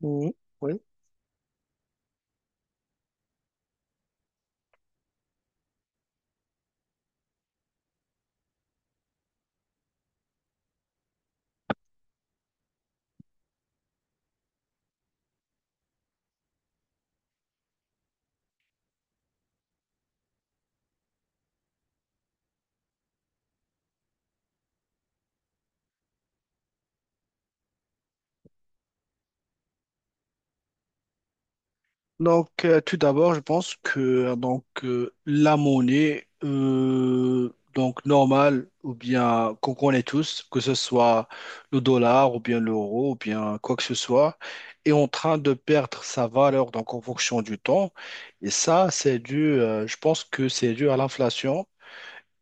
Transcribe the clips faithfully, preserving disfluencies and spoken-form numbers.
Oui, oui. Donc, euh, tout d'abord, je pense que euh, donc euh, la monnaie, euh, donc normale ou bien qu'on connaît tous, que ce soit le dollar ou bien l'euro ou bien quoi que ce soit, est en train de perdre sa valeur donc en fonction du temps. Et ça, c'est dû, euh, je pense que c'est dû à l'inflation.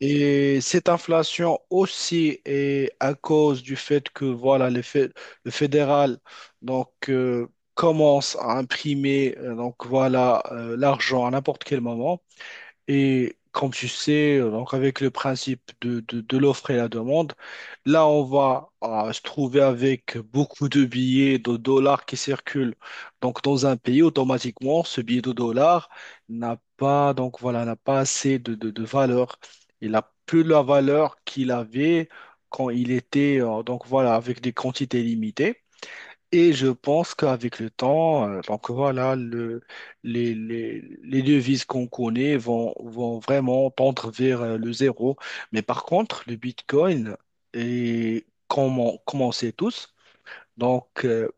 Et cette inflation aussi est à cause du fait que voilà, les fé- le fédéral donc, euh, commence à imprimer euh, donc, voilà, euh, l'argent à n'importe quel moment. Et comme tu sais, euh, donc avec le principe de, de- de l'offre et la demande, là, on va euh, se trouver avec beaucoup de billets de dollars qui circulent. Donc, dans un pays, automatiquement, ce billet de dollars n'a pas, donc voilà, n'a pas assez de, de- de valeur. Il n'a plus la valeur qu'il avait quand il était, euh, donc voilà, avec des quantités limitées. Et je pense qu'avec le temps, euh, donc voilà, le, les, les, les devises qu'on connaît vont, vont vraiment tendre vers euh, le zéro. Mais par contre, le Bitcoin, est, comme on, comme on sait tous, donc euh,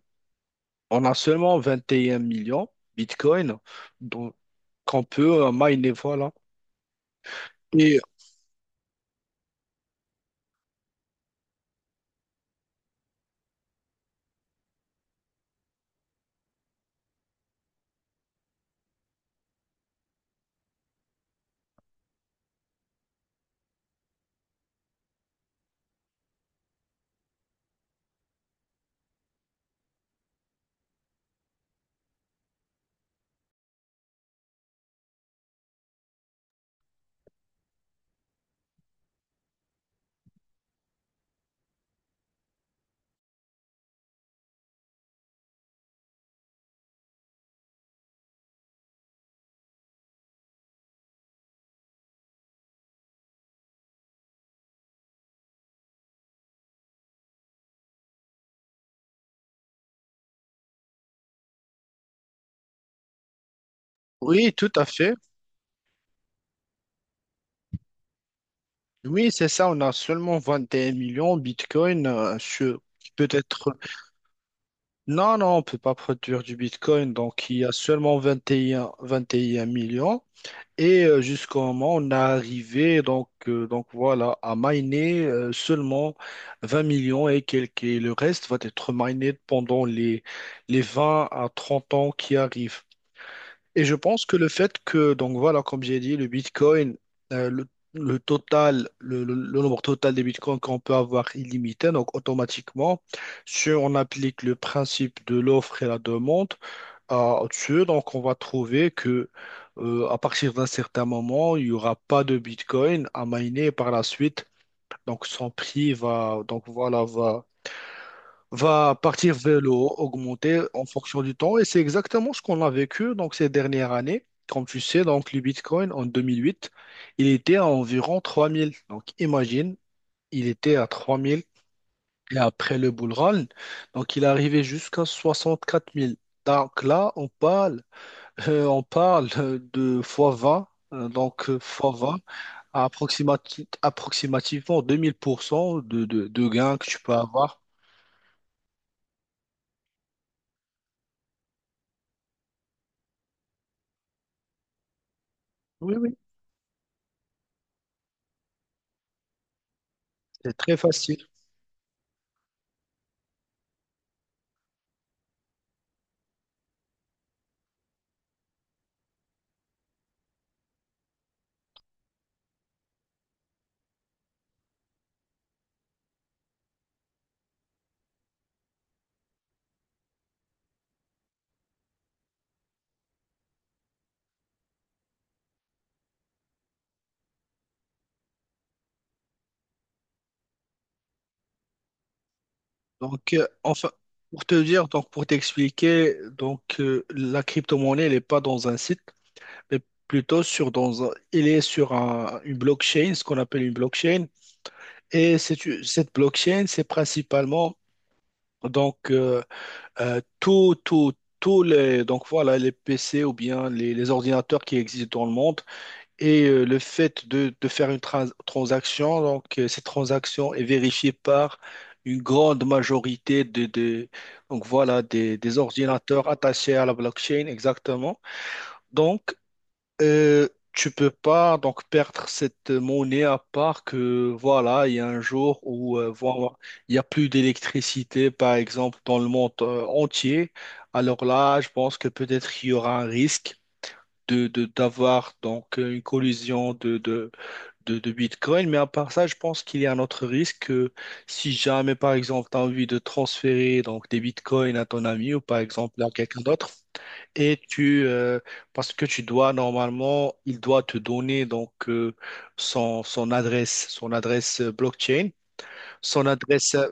on a seulement vingt et un millions Bitcoin donc, qu'on peut euh, miner, voilà. Et oui, tout à fait. Oui, c'est ça, on a seulement vingt et un millions Bitcoin euh, sur- qui peut être. Non, non, on peut pas produire du Bitcoin. Donc, il y a seulement vingt vingt et un, vingt et un millions. Et euh, jusqu'au moment, on a arrivé, donc, euh, donc voilà, à miner euh, seulement vingt millions et quelques. Et le reste va être miné pendant les, les vingt à trente ans qui arrivent. Et je pense que le fait que, donc voilà, comme j'ai dit, le Bitcoin, euh, le, le total, le, le- le nombre total des Bitcoins qu'on peut avoir illimité, donc automatiquement, si on applique le principe de l'offre et la demande à dessus, donc on va trouver que euh, à partir d'un certain moment, il n'y aura pas de Bitcoin à miner par la suite. Donc son prix va, donc voilà, va partir vers le haut, augmenter en fonction du temps. Et c'est exactement ce qu'on a vécu donc, ces dernières années. Comme tu sais, donc, le Bitcoin en deux mille huit, il était à environ trois mille. Donc imagine, il était à trois mille et après le bull run, donc il est arrivé jusqu'à soixante-quatre mille. Donc là, on parle, euh, on parle euh, de fois vingt. euh, Donc, euh, fois vingt, à approximati- approximativement deux mille pour cent de, de, de gains que tu peux avoir. Oui, oui. C'est très facile. Donc, euh, enfin, pour te dire, donc pour t'expliquer, donc euh, la crypto-monnaie, elle n'est pas dans un site, mais plutôt sur dans un- elle est sur un- une blockchain, ce qu'on appelle une blockchain. Et c'est une- cette blockchain, c'est principalement donc euh, euh, tout, tout, tous les donc voilà les P C ou bien les, les ordinateurs qui existent dans le monde. Et euh, le fait de, de faire une trans- transaction, donc euh, cette transaction est vérifiée par une grande majorité de, de- donc voilà, des, des ordinateurs attachés à la blockchain, exactement. Donc, euh, tu peux pas donc perdre cette monnaie à part que voilà, il y a un jour où euh, voilà, il y a plus d'électricité, par exemple, dans le monde euh, entier. Alors là, je pense que peut-être il y aura un risque de, de- d'avoir donc une collision de, de de, de Bitcoin, mais à part ça, je pense qu'il y a un autre risque euh, si jamais, par exemple, tu as envie de transférer donc, des Bitcoins à ton ami ou par exemple à quelqu'un d'autre, et tu, euh, parce que tu dois normalement, il doit te donner donc euh, son, son adresse, son adresse euh, blockchain, son adresse, euh,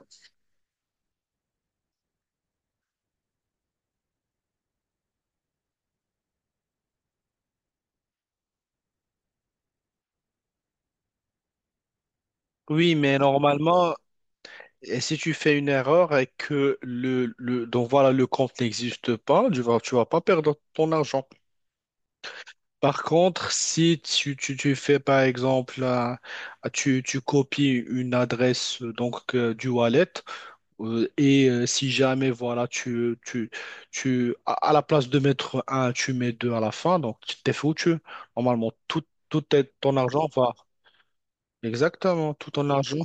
oui, mais normalement. Et si tu fais une erreur et que le, le donc voilà le compte n'existe pas, tu vas, tu vas pas perdre ton argent. Par contre, si tu, tu, tu fais par exemple, un- tu, tu copies une adresse euh, donc euh, du wallet, euh, et euh, si jamais voilà tu, tu, tu à, à la place de mettre un, tu mets deux à la fin, donc tu t'es foutu. Normalement, tout, tout est- ton argent va exactement tout ton argent.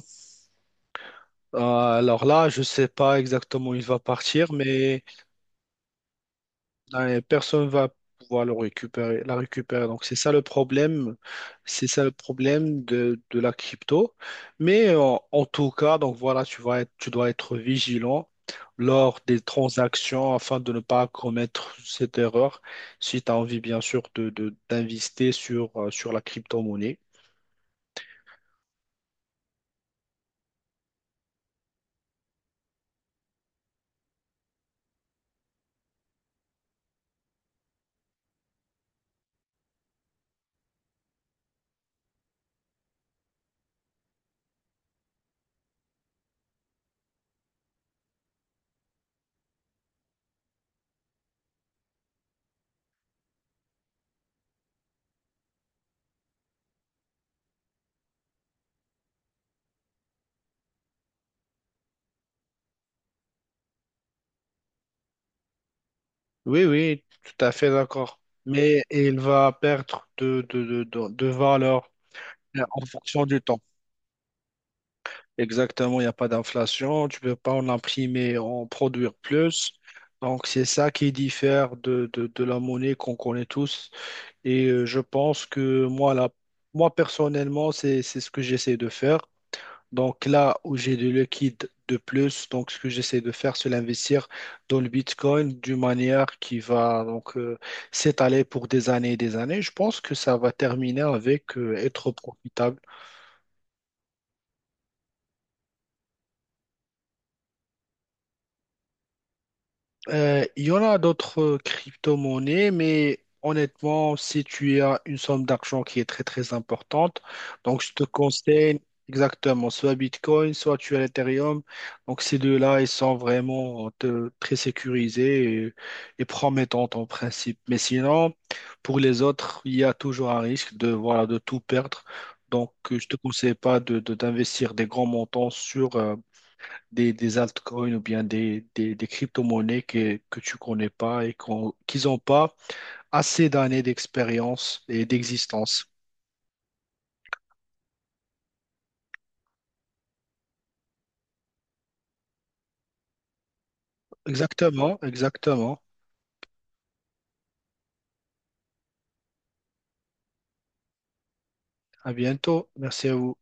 Euh, alors là, je sais pas exactement où il va partir, mais ouais, personne va pouvoir le récupérer, la récupérer. Donc, c'est ça le problème. C'est ça le problème de, de la crypto. Mais en, en tout cas, donc voilà, tu vas être- tu dois être vigilant lors des transactions afin de ne pas commettre cette erreur si tu as envie, bien sûr, de, de- d'investir sur, euh, sur la crypto-monnaie. Oui, oui, tout à fait d'accord. Mais il va perdre de, de, de, de, de valeur euh, en fonction du temps. Exactement, il n'y a pas d'inflation, tu ne peux pas en imprimer, en produire plus. Donc, c'est ça qui diffère de, de, de la monnaie qu'on connaît tous. Et euh, je pense que moi, là, moi personnellement, c'est, c'est ce que j'essaie de faire. Donc là où j'ai de liquide de plus, donc ce que j'essaie de faire, c'est l'investir dans le Bitcoin d'une manière qui va donc euh, s'étaler pour des années et des années. Je pense que ça va terminer avec euh, être profitable. Euh, il y en a d'autres crypto-monnaies, mais honnêtement, si tu as une somme d'argent qui est très très importante, donc je te conseille exactement soit Bitcoin, soit tu as l'Ethereum. Donc ces deux-là, ils sont vraiment te- très sécurisés et, et promettants en principe. Mais sinon, pour les autres, il y a toujours un risque de, voilà, de tout perdre. Donc euh, je te conseille pas de, de- d'investir des grands montants sur, euh, des, des altcoins ou bien des, des, des crypto-monnaies que, que tu connais pas et qu'on- qu'ils n'ont pas assez d'années d'expérience et d'existence. Exactement, exactement. À bientôt. Merci à vous.